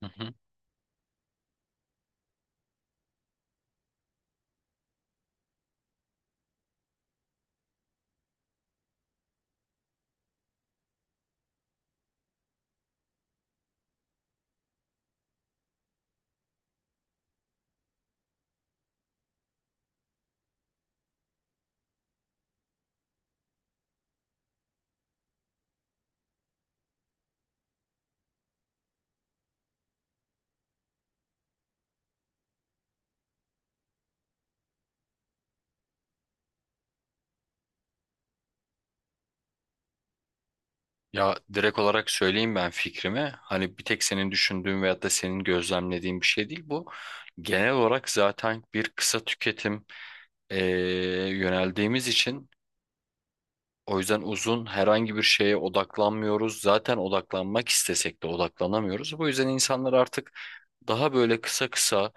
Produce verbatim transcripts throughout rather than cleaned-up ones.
Hı hı. Ya direkt olarak söyleyeyim ben fikrimi. Hani bir tek senin düşündüğün veyahut da senin gözlemlediğin bir şey değil bu. Genel olarak zaten bir kısa tüketim eee, yöneldiğimiz için o yüzden uzun herhangi bir şeye odaklanmıyoruz. Zaten odaklanmak istesek de odaklanamıyoruz. Bu yüzden insanlar artık daha böyle kısa kısa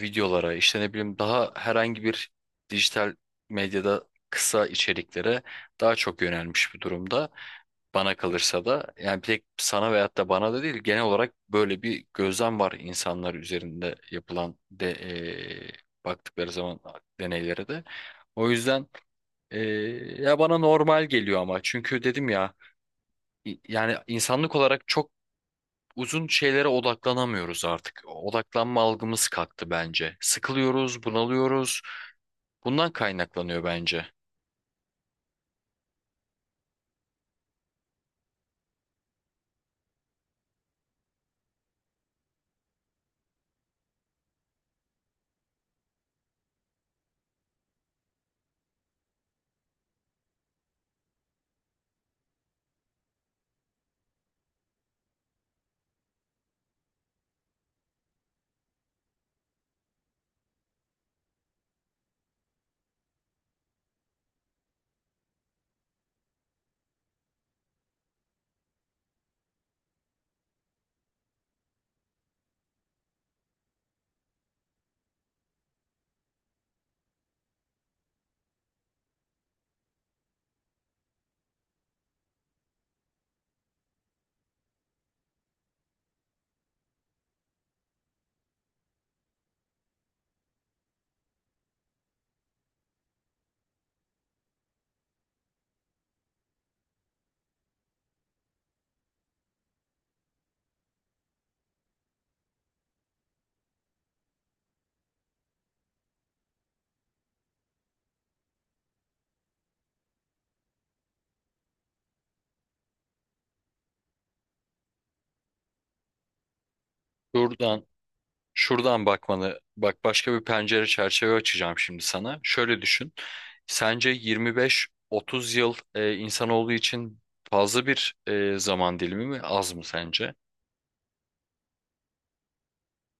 videolara işte ne bileyim daha herhangi bir dijital medyada kısa içeriklere daha çok yönelmiş bir durumda. Bana kalırsa da yani bir tek sana veyahut da bana da değil genel olarak böyle bir gözlem var insanlar üzerinde yapılan de eee, baktıkları zaman deneylere de. O yüzden eee, ya bana normal geliyor ama çünkü dedim ya i- yani insanlık olarak çok uzun şeylere odaklanamıyoruz artık. Odaklanma algımız kalktı bence. Sıkılıyoruz, bunalıyoruz. Bundan kaynaklanıyor bence. Buradan Şuradan bakmanı, bak başka bir pencere çerçeve açacağım şimdi sana. Şöyle düşün. Sence yirmi beş otuz yıl e, insanoğlu için fazla bir e, zaman dilimi mi, az mı sence?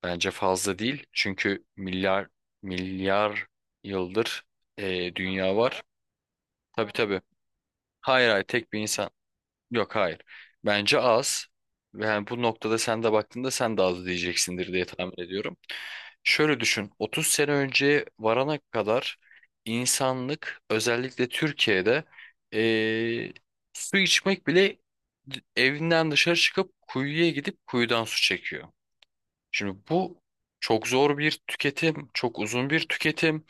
Bence fazla değil. Çünkü milyar milyar yıldır e, dünya var. Tabii tabii. Hayır hayır tek bir insan. Yok hayır. Bence az. Yani bu noktada sen de baktığında sen de az diyeceksindir diye tahmin ediyorum. Şöyle düşün. otuz sene önce varana kadar insanlık özellikle Türkiye'de eee, su içmek bile evinden dışarı çıkıp kuyuya gidip kuyudan su çekiyor. Şimdi bu çok zor bir tüketim, çok uzun bir tüketim.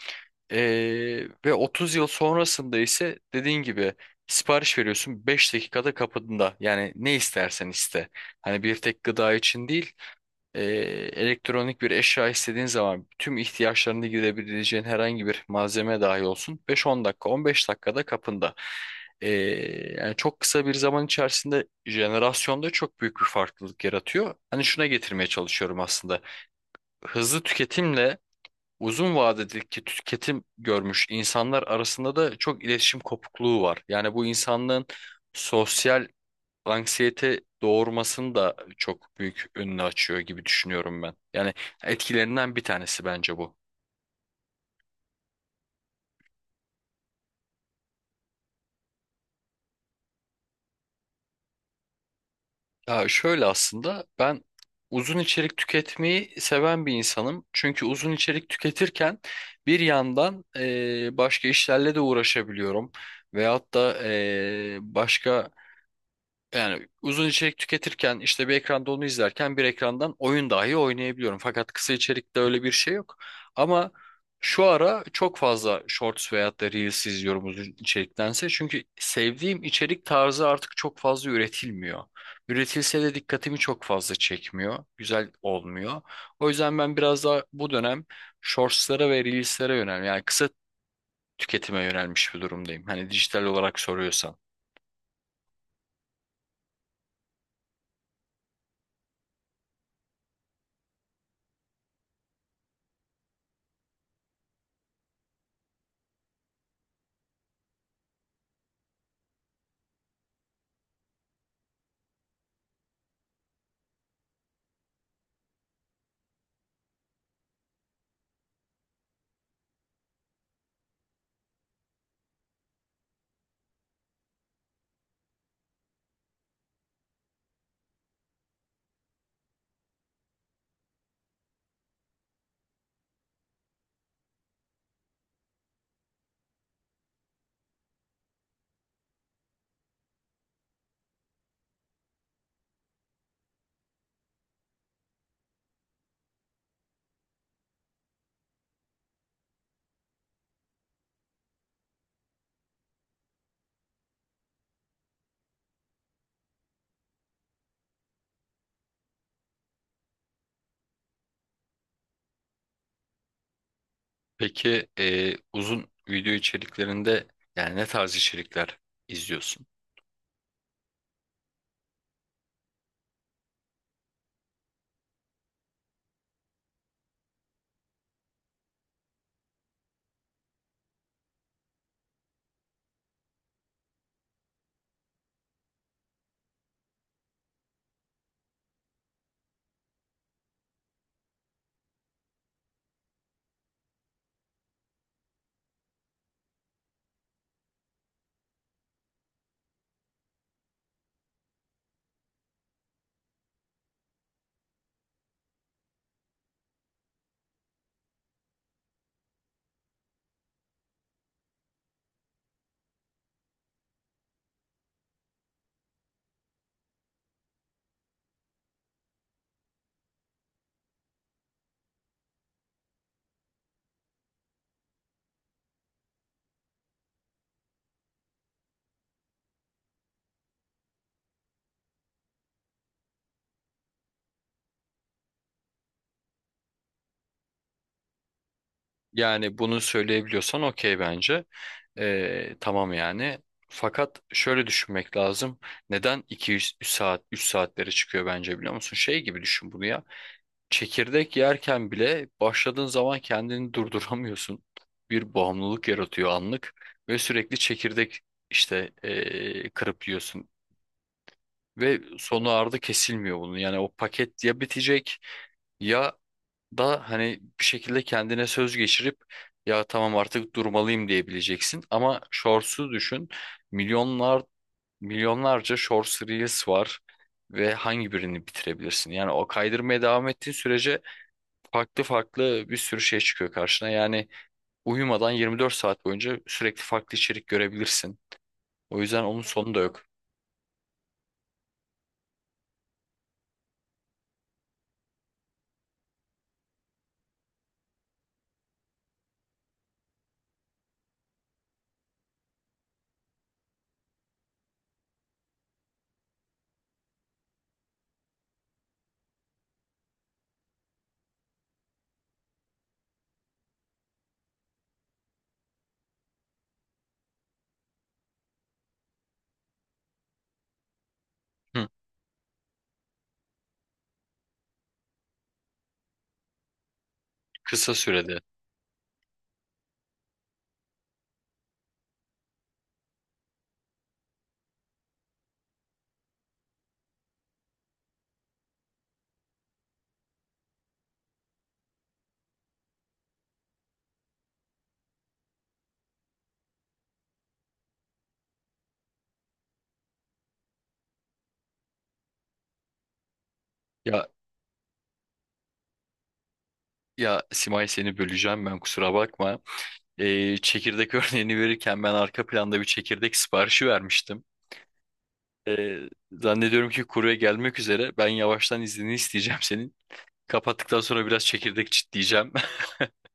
Ee, ve otuz yıl sonrasında ise dediğin gibi sipariş veriyorsun beş dakikada kapında. Yani ne istersen iste. Hani bir tek gıda için değil, ee, elektronik bir eşya istediğin zaman tüm ihtiyaçlarını gidebileceğin herhangi bir malzeme dahi olsun beş on dakika, on beş dakikada kapında. Ee, Yani çok kısa bir zaman içerisinde jenerasyonda çok büyük bir farklılık yaratıyor. Hani şuna getirmeye çalışıyorum aslında. Hızlı tüketimle uzun vadedeki tüketim görmüş insanlar arasında da çok iletişim kopukluğu var. Yani bu insanlığın sosyal anksiyete doğurmasını da çok büyük önünü açıyor gibi düşünüyorum ben. Yani etkilerinden bir tanesi bence bu. Ya şöyle aslında ben uzun içerik tüketmeyi seven bir insanım. Çünkü uzun içerik tüketirken bir yandan eee, başka işlerle de uğraşabiliyorum. Veyahut da eee, başka Yani uzun içerik tüketirken işte bir ekranda onu izlerken bir ekrandan oyun dahi oynayabiliyorum. Fakat kısa içerikte öyle bir şey yok. Ama şu ara çok fazla Shorts veyahut da Reels izliyorum uzun içeriktense. Çünkü sevdiğim içerik tarzı artık çok fazla üretilmiyor. Üretilse de dikkatimi çok fazla çekmiyor. Güzel olmuyor. O yüzden ben biraz daha bu dönem Shorts'lara ve Reels'lere yönel yani kısa tüketime yönelmiş bir durumdayım. Hani dijital olarak soruyorsan. Peki e, uzun video içeriklerinde yani ne tarz içerikler izliyorsun? Yani bunu söyleyebiliyorsan okey bence. E, tamam yani. Fakat şöyle düşünmek lazım. Neden iki üç saat, üç saatlere çıkıyor bence biliyor musun? Şey gibi düşün bunu ya. Çekirdek yerken bile başladığın zaman kendini durduramıyorsun. Bir bağımlılık yaratıyor anlık ve sürekli çekirdek işte e, kırıp yiyorsun. Ve sonu ardı kesilmiyor bunun. Yani o paket ya bitecek ya da hani bir şekilde kendine söz geçirip ya tamam artık durmalıyım diyebileceksin. Ama Shorts'u düşün. Milyonlar milyonlarca Shorts Reels var ve hangi birini bitirebilirsin? Yani o kaydırmaya devam ettiğin sürece farklı farklı bir sürü şey çıkıyor karşına. Yani uyumadan yirmi dört saat boyunca sürekli farklı içerik görebilirsin. O yüzden onun sonu da yok. Hı, kısa sürede. Ya Ya Simay, seni böleceğim, ben kusura bakma. Ee, çekirdek örneğini verirken ben arka planda bir çekirdek siparişi vermiştim. Ee, Zannediyorum ki kurye gelmek üzere. Ben yavaştan iznini isteyeceğim senin. Kapattıktan sonra biraz çekirdek çitleyeceğim.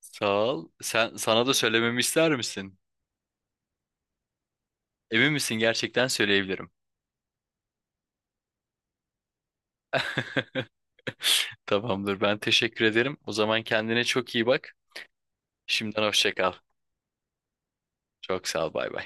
Sağ ol. Sen, sana da söylememi ister misin? Emin misin, gerçekten söyleyebilirim. Tamamdır, ben teşekkür ederim. O zaman kendine çok iyi bak. Şimdiden hoşça kal. Çok sağ ol, bay bay.